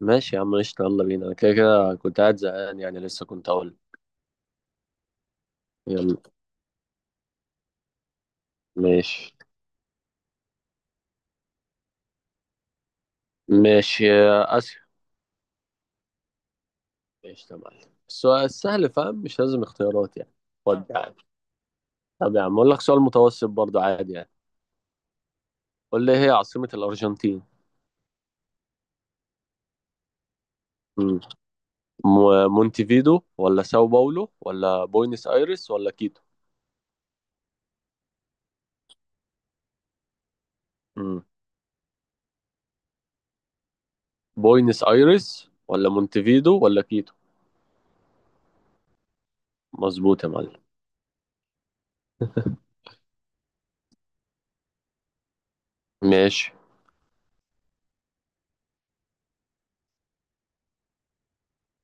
ماشي يا عم، قشطة، يلا بينا. أنا كده كده كنت قاعد زهقان يعني، لسه كنت أقول يلا. ماشي. ماشي يا آسيا. قشطة يا معلم، السؤال سهل فاهم، مش لازم اختيارات يعني. خد يا عم. طب يا عم، أقول لك سؤال متوسط برضه عادي يعني. قول لي إيه هي عاصمة الأرجنتين؟ مم. مونتيفيدو ولا ساو باولو ولا بوينس آيرس ولا كيتو؟ مم. بوينس آيرس ولا مونتيفيدو ولا كيتو؟ مظبوط يا معلم. ماشي.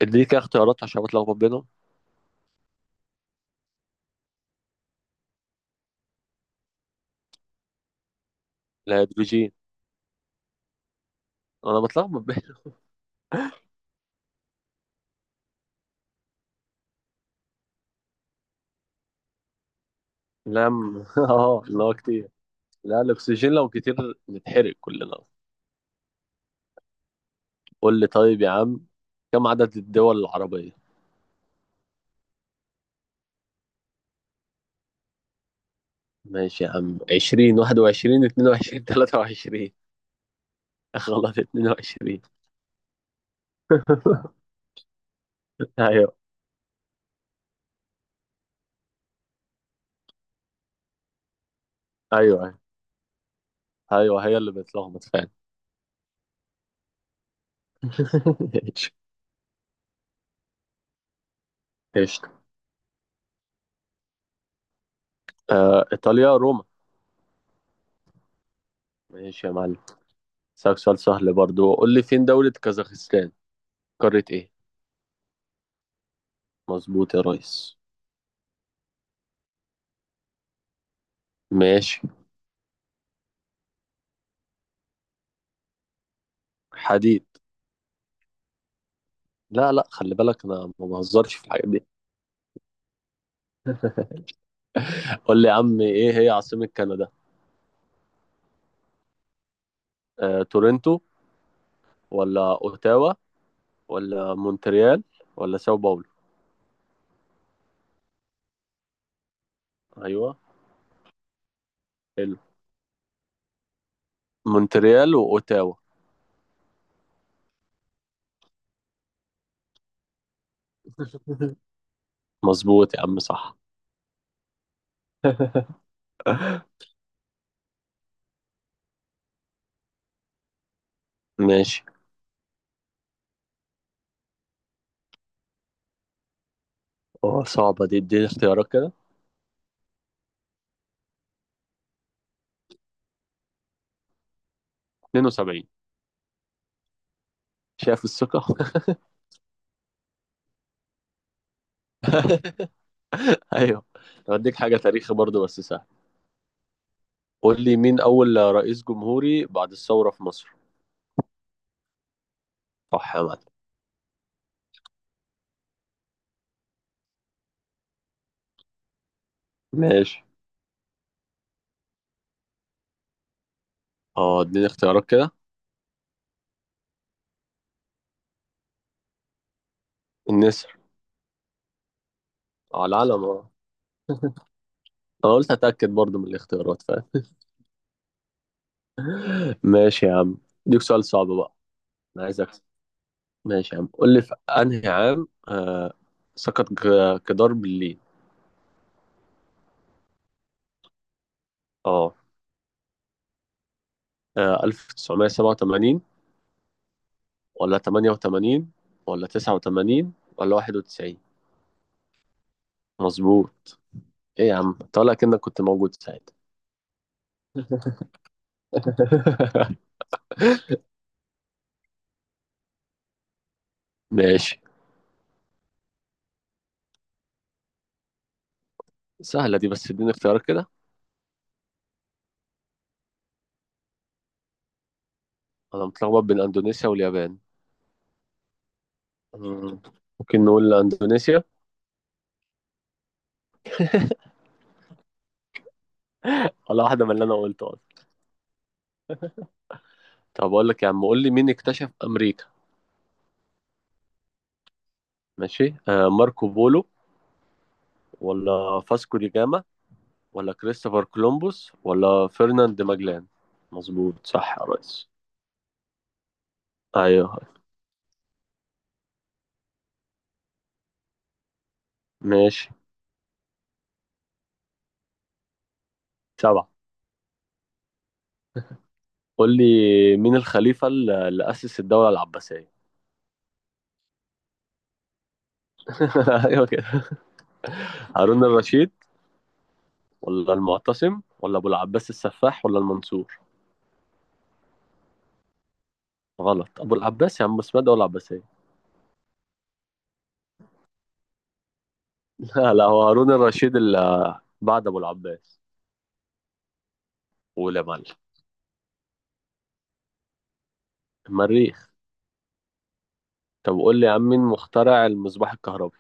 اديني كده اختيارات عشان بتلخبط بينهم. الهيدروجين. انا بتلخبط. لم اه اللي هو كتير. لا الاكسجين لو كتير نتحرق كلنا. قول لي طيب يا عم، كم عدد الدول العربية؟ ماشي يا عم، 20 21 22 23. غلط، 22 ايوه ايوه. ايوه ايوه، هي اللي بتلخبط فعلا. ايش. ايش. آه ايطاليا، روما. ماشي يا معلم. اسالك سؤال سهل برضو، قول لي فين دولة كازاخستان، قارة ايه؟ مظبوط يا ريس. ماشي. حديد. لا لا، خلي بالك انا ما بهزرش في الحاجات دي. قول لي يا عم، ايه هي عاصمة كندا؟ تورنتو ولا اوتاوا ولا مونتريال ولا ساو باولو؟ ايوه. حلو. مونتريال واوتاوا. مظبوط يا عم، صح. ماشي. اه صعبة دي، اديني اختيارات كده. 72. شايف الثقة. ايوه. هديك حاجة تاريخي برضو بس سهل. قول لي مين اول رئيس جمهوري بعد الثورة في مصر؟ صح يا معلم. ماشي. اه اديني اختيارات كده. الناس. اه العلم اه. انا قلت اتاكد برضو من الاختيارات فاهم ماشي يا عم. ديك سؤال صعب بقى. انا عايز اكسب. ماشي يا عم، قول لي في انهي عام سقط جدار برلين. اه. 1987 ولا 88 ولا 89 ولا 91؟ مظبوط. ايه يا عم طالع كأنك كنت موجود ساعتها. ماشي. سهلة دي بس اديني اختيارات كده. انا متلخبط بين اندونيسيا واليابان. مم. ممكن نقول اندونيسيا. ولا واحدة من اللي انا قلته. طب اقول لك يا عم، قول لي مين اكتشف امريكا؟ ماشي. ماركو بولو ولا فاسكو دي جاما ولا كريستوفر كولومبوس ولا فرناند ماجلان؟ مظبوط صح يا ريس. ايوه. ماشي. سبعة. قول لي مين الخليفة اللي أسس الدولة العباسية؟ ايوه كده. هارون الرشيد ولا المعتصم ولا ابو العباس السفاح ولا المنصور؟ غلط، ابو العباس يا عم، اسمها دولة عباسية. لا لا، هو هارون الرشيد اللي بعد ابو العباس. قول يا معلم. المريخ. طب قول لي يا عم، مين مخترع المصباح الكهربي؟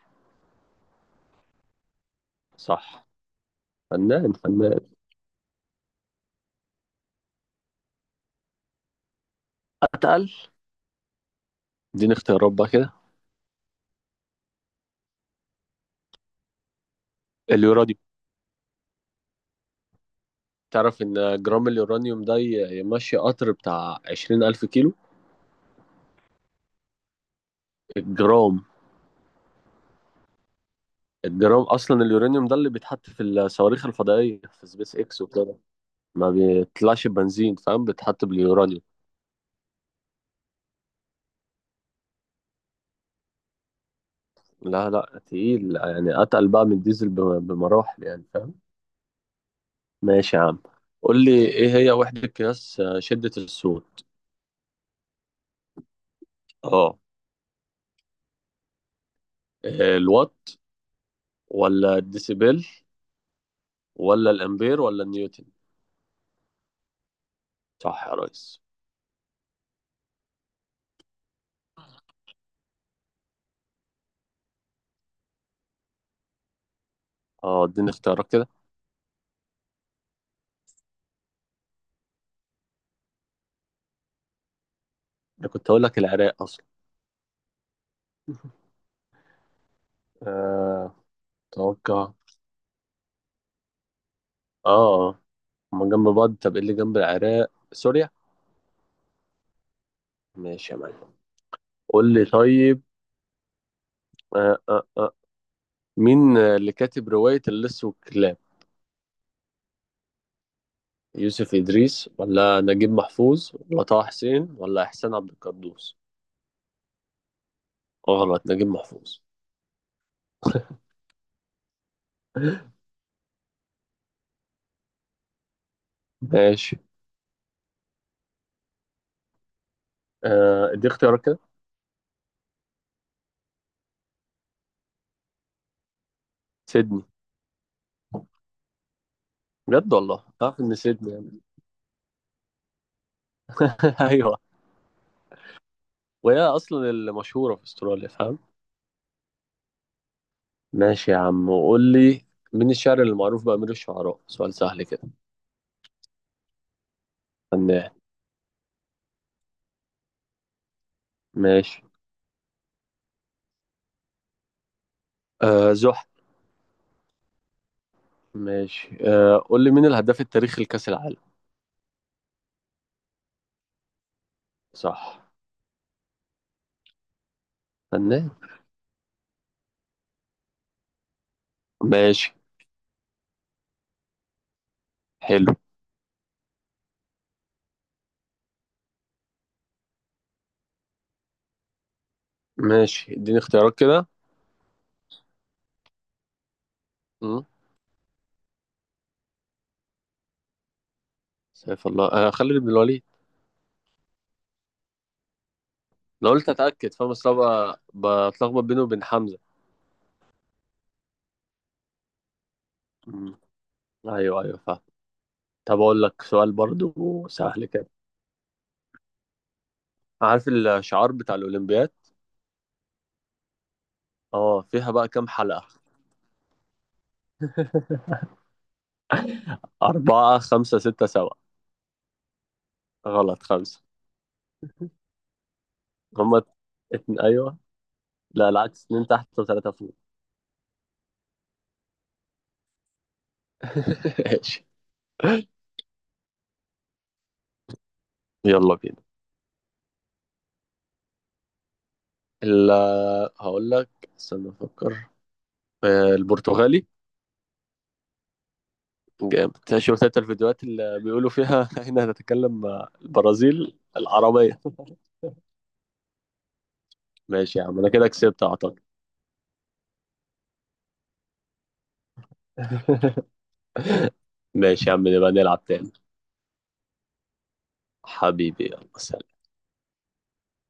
صح. فنان فنان. اتقل. اديني اختيارات بقى كده. اليورانيوم. تعرف ان جرام اليورانيوم ده يمشي قطر بتاع 20,000 كيلو. الجرام. الجرام أصلا اليورانيوم ده اللي بيتحط في الصواريخ الفضائية في سبيس إكس وكده. ما بيطلعش بنزين فاهم، بيتحط باليورانيوم. لا لا تقيل يعني، أتقل بقى من الديزل بمراحل يعني فاهم. ماشي يا عم. قول لي إيه هي وحدة قياس شدة الصوت؟ اه. الوات ولا الديسيبل ولا الامبير ولا النيوتن؟ صح يا ريس. اه اديني اختيارات كده. انا كنت اقول لك العراق اصلا. آه، اتوقع. اه. هما جنب بعض. طب ايه اللي جنب العراق؟ سوريا. ماشي يا معلم. قول لي طيب. آه آه آه. مين اللي كاتب رواية اللص والكلاب؟ يوسف إدريس ولا نجيب محفوظ ولا طه حسين ولا إحسان عبد القدوس؟ غلط، نجيب محفوظ. ماشي. آه، دي اختيارات كده. سيدني. بجد والله تعرف ان سيدني. أيوه. وهي أصلًا المشهورة في أستراليا فاهم؟ ماشي يا عم، وقُل لي، مين الشاعر اللي معروف بأمير الشعراء؟ سؤال سهل كده. فنان. ماشي. زُحل. ماشي. قُل لي مين الهداف التاريخي لكأس العالم؟ صح. فنان. ماشي. حلو. ماشي، اديني اختيارات كده. إمم، سيف الله خالد بن الوليد. أنا قُلت أتأكد فاهم، أصل أنا باتلخبط بينه وبين حمزة. إمم، أيوه. أيوه فاهم. طَب أقول لك سؤال برضه سهل كده. عارف الشعار بتاع الأولمبياد؟ اه فيها بقى كام حلقة؟ أربعة خمسة ستة سبعة. غلط، خمسة. هما أيوه. لا العكس، اتنين تحت وتلاتة فوق. ماشي. يلا بينا. ال هقول لك. استنى أفكر. البرتغالي. جامد. شفت انت الفيديوهات اللي بيقولوا فيها هنا هنتكلم مع البرازيل العربية. ماشي يا عم أنا كده كسبت أعتقد. ماشي يا عم نبقى نلعب تاني. حبيبي يلا سلام.